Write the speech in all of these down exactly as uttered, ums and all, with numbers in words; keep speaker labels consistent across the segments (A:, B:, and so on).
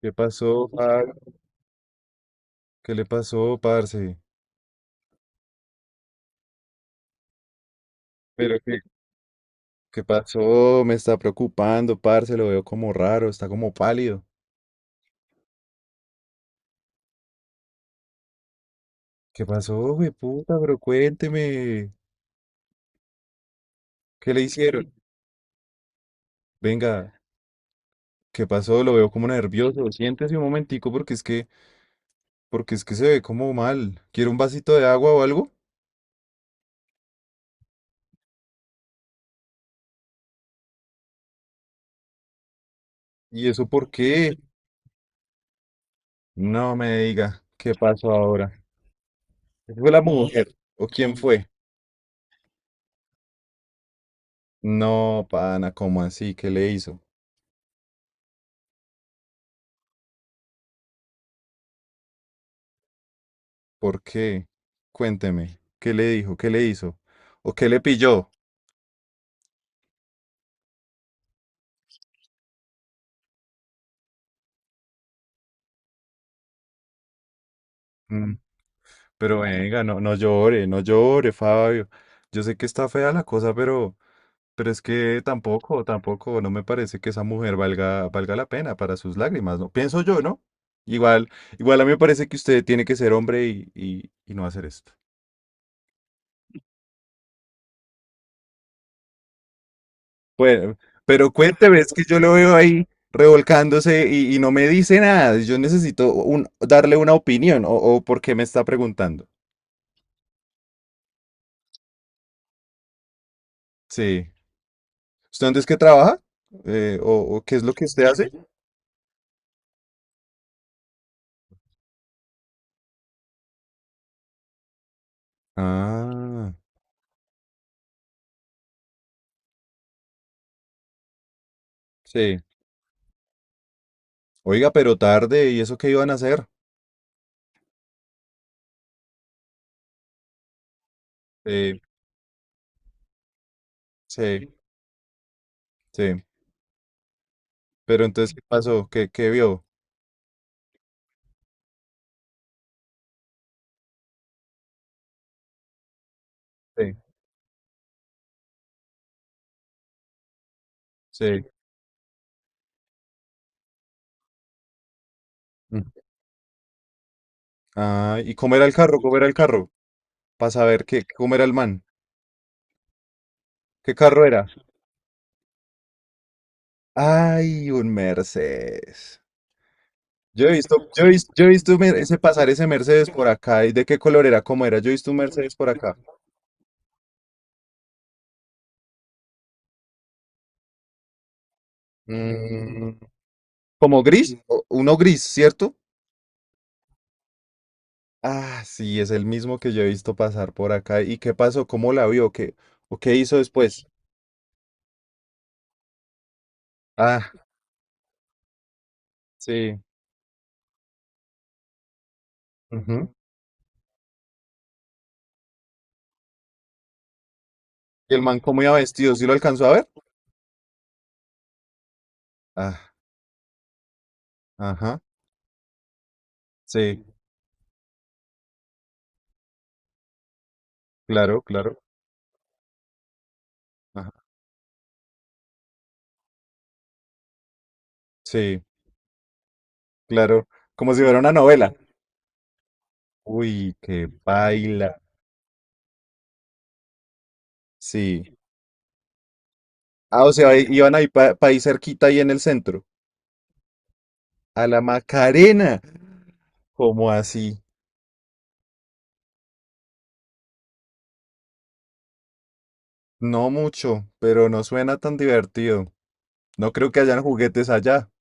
A: ¿Qué pasó, par? ¿Qué le pasó, parce? Pero qué, ¿qué pasó? Me está preocupando, parce, lo veo como raro, está como pálido. ¿Qué pasó, güey, puta? Pero cuénteme, ¿qué le hicieron? Venga, ¿qué pasó? Lo veo como nervioso. Siéntese un momentico porque es que, porque es que se ve como mal. ¿Quiere un vasito de agua o algo? ¿Y eso por qué? No me diga, ¿qué pasó ahora? ¿Fue la mujer? ¿O quién fue? No, pana, ¿cómo así? ¿Qué le hizo? ¿Por qué? Cuénteme, ¿qué le dijo? ¿Qué le hizo? ¿O qué le pilló? Mm, Pero venga, no, no llore, no llore, Fabio. Yo sé que está fea la cosa, pero, pero es que tampoco, tampoco, no me parece que esa mujer valga, valga la pena para sus lágrimas, ¿no? Pienso yo, ¿no? Igual, igual a mí me parece que usted tiene que ser hombre y, y, y no hacer esto. Bueno, pero cuénteme, es que yo lo veo ahí revolcándose y, y no me dice nada. Yo necesito un, darle una opinión o, o por qué me está preguntando. Sí. ¿Usted antes qué trabaja? Eh, o, o qué es lo que usted hace? Ah, sí. Oiga, pero tarde, ¿y eso qué iban a hacer? Sí, sí, sí. Pero entonces, ¿qué pasó? ¿Qué, qué vio? Sí, sí. Mm. Ah, ¿y cómo era el carro? ¿Cómo era el carro? Para saber qué, cómo era el man. ¿Qué carro era? Ay, un Mercedes. Yo he visto, yo he vis- yo he visto, mer- ese pasar ese Mercedes por acá. ¿Y de qué color era? ¿Cómo era? Yo he visto un Mercedes por acá. Mm, como gris, o- uno gris, ¿cierto? Ah, sí, es el mismo que yo he visto pasar por acá. ¿Y qué pasó? ¿Cómo la vio? ¿Qué, o qué hizo después? Ah, sí. Ujú. ¿Y el man cómo iba vestido? ¿Sí lo alcanzó a ver? Ah, ajá. Sí, claro, claro. Ajá. Sí, claro. Como si fuera una novela. Uy, qué baila. Sí. Ah, o sea, i- iban ahí para ahí cerquita, ahí en el centro. A la Macarena. ¿Cómo así? No mucho, pero no suena tan divertido. No creo que hayan juguetes allá.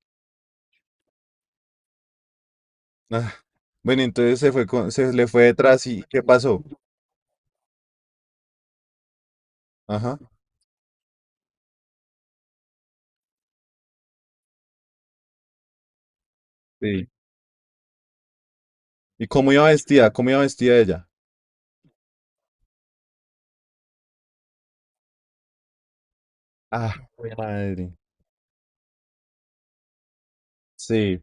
A: Ah, bueno, entonces se fue con- se le fue detrás y ¿qué pasó? Ajá. Sí. ¿Y cómo iba vestida? ¿Cómo iba vestida ella? Ah, jue madre. Sí.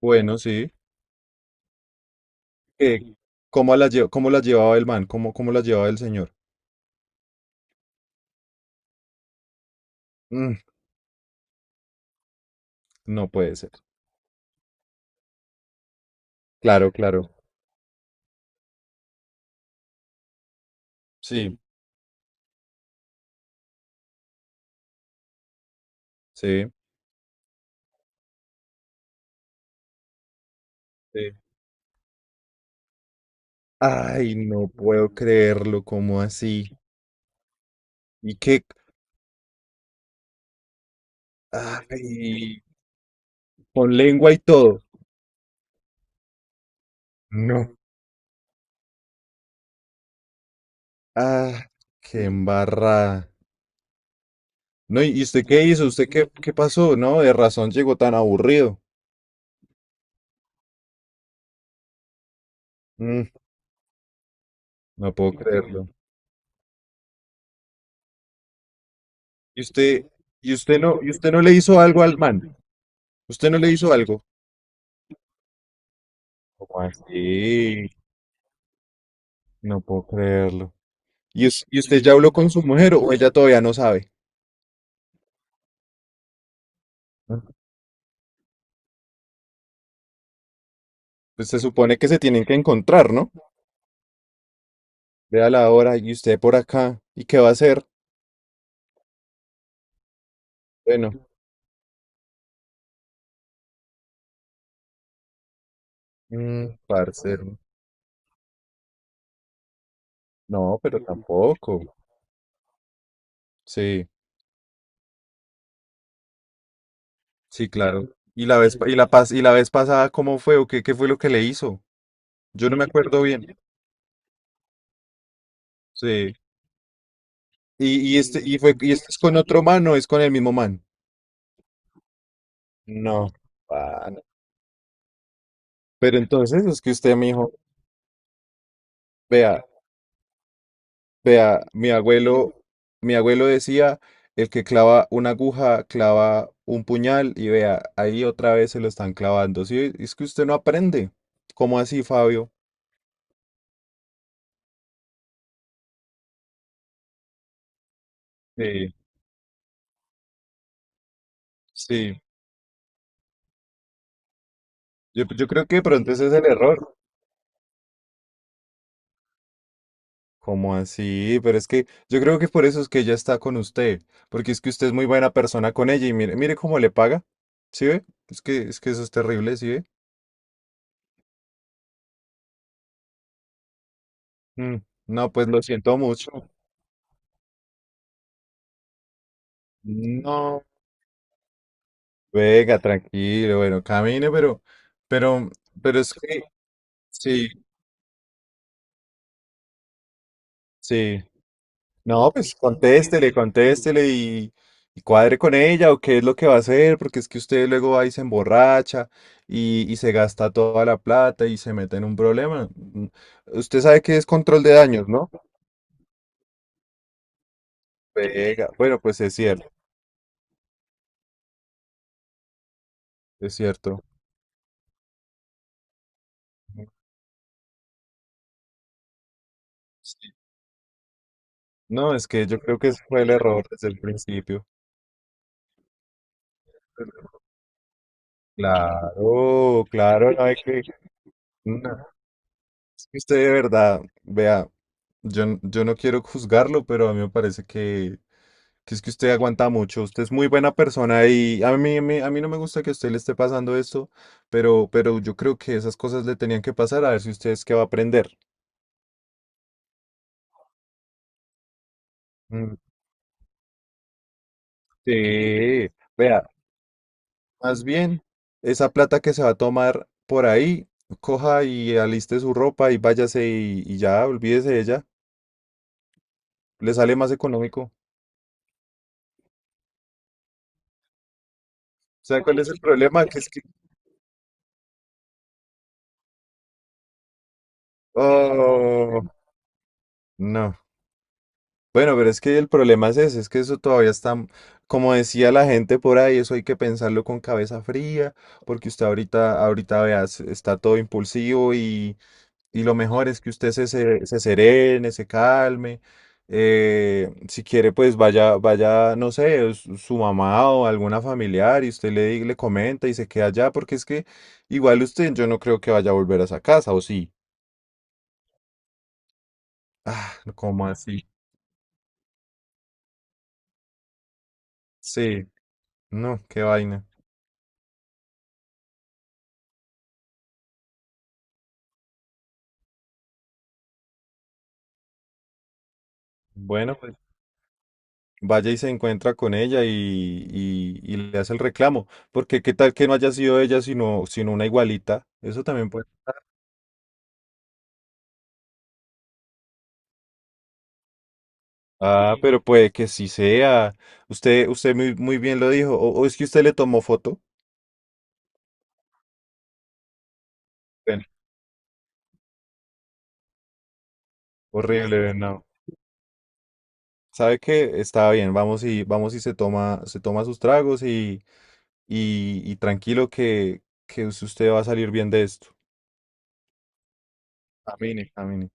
A: Bueno, sí. Eh, ¿cómo la lle- cómo la llevaba el man? ¿Cómo, cómo la llevaba el señor? Mm, no puede ser. Claro, claro. Sí, sí, sí. Ay, no puedo creerlo, ¿cómo así? ¿Y qué? Ay, con lengua y todo. No. Ah, qué embarrada. No, ¿y y usted qué hizo? ¿Usted qué, qué pasó? No, de razón llegó tan aburrido. Mm, no puedo creerlo. ¿Y usted, y usted no, y usted no le hizo algo al man? ¿Usted no le hizo algo? ¿Cómo así? No puedo creerlo. ¿Y, us- y usted ya habló con su mujer o ella todavía no sabe? Ah, pues se supone que se tienen que encontrar, ¿no? Vea la hora y usted por acá. ¿Y qué va a hacer? Bueno, mm, parcero. No, pero tampoco. Sí. Sí, claro. ¿Y la vez, pa- y la pas- y la vez pasada cómo fue o qué, qué fue lo que le hizo? Yo no me acuerdo bien. Sí. Y, y este, y fue, y este es con otro man o es con el mismo man. No. Pana. Pero entonces es que usted me dijo, vea, vea, mi abuelo, mi abuelo decía, el que clava una aguja, clava un puñal, y vea, ahí otra vez se lo están clavando. Sí, es que usted no aprende. ¿Cómo así, Fabio? Sí, sí. Yo, yo creo que de pronto ese es el error. ¿Cómo así? Pero es que yo creo que por eso es que ella está con usted, porque es que usted es muy buena persona con ella y mire, mire cómo le paga. ¿Sí ve? Es que, es que eso es terrible, ¿sí ve? Mm, no, pues lo siento mucho. No. Venga, tranquilo, bueno, camine, pero, pero, pero es que, sí, sí. No, pues contéstele, contéstele y, y cuadre con ella o qué es lo que va a hacer, porque es que usted luego va y se emborracha y, y se gasta toda la plata y se mete en un problema. Mm, usted sabe que es control de daños, ¿no? Pega. Bueno, pues es cierto, es cierto. Sí. No, es que yo creo que ese fue el error desde el principio. Claro, claro, no hay que... No, es que usted de verdad, vea, yo, n- yo no quiero juzgarlo, pero a mí me parece que... Que es que usted aguanta mucho, usted es muy buena persona y a mí, a mí, a mí no me gusta que a usted le esté pasando esto, pero, pero yo creo que esas cosas le tenían que pasar a ver si usted es que va a aprender. Mm, sí, vea. Más bien, esa plata que se va a tomar por ahí, coja y aliste su ropa y váyase y, y ya, olvídese de ella. Le sale más económico. ¿Sabe cuál es el problema? Que es que... Oh, no. Bueno, pero es que el problema es ese, es que eso todavía está, como decía la gente por ahí, eso hay que pensarlo con cabeza fría, porque usted ahorita, ahorita veas, está todo impulsivo y, y lo mejor es que usted se, se, se serene, se calme. eh, si quiere, pues vaya, vaya, no sé, su su mamá o alguna familiar y usted le, di- le comenta y se queda allá, porque es que igual usted, yo no creo que vaya a volver a esa casa, ¿o sí? Ah, ¿cómo así? Sí, no, qué vaina. Bueno, vaya y se encuentra con ella y, y- y le hace el reclamo. Porque qué tal que no haya sido ella, sino, sino una igualita. Eso también puede. Ah, sí, pero puede que sí sea. Usted, usted muy, muy bien lo dijo. O, o es que usted le tomó foto. Bueno, horrible, no. Sabe que está bien, vamos y vamos y se toma, se toma sus tragos y, y, y tranquilo que, que usted va a salir bien de esto. Camine, camine.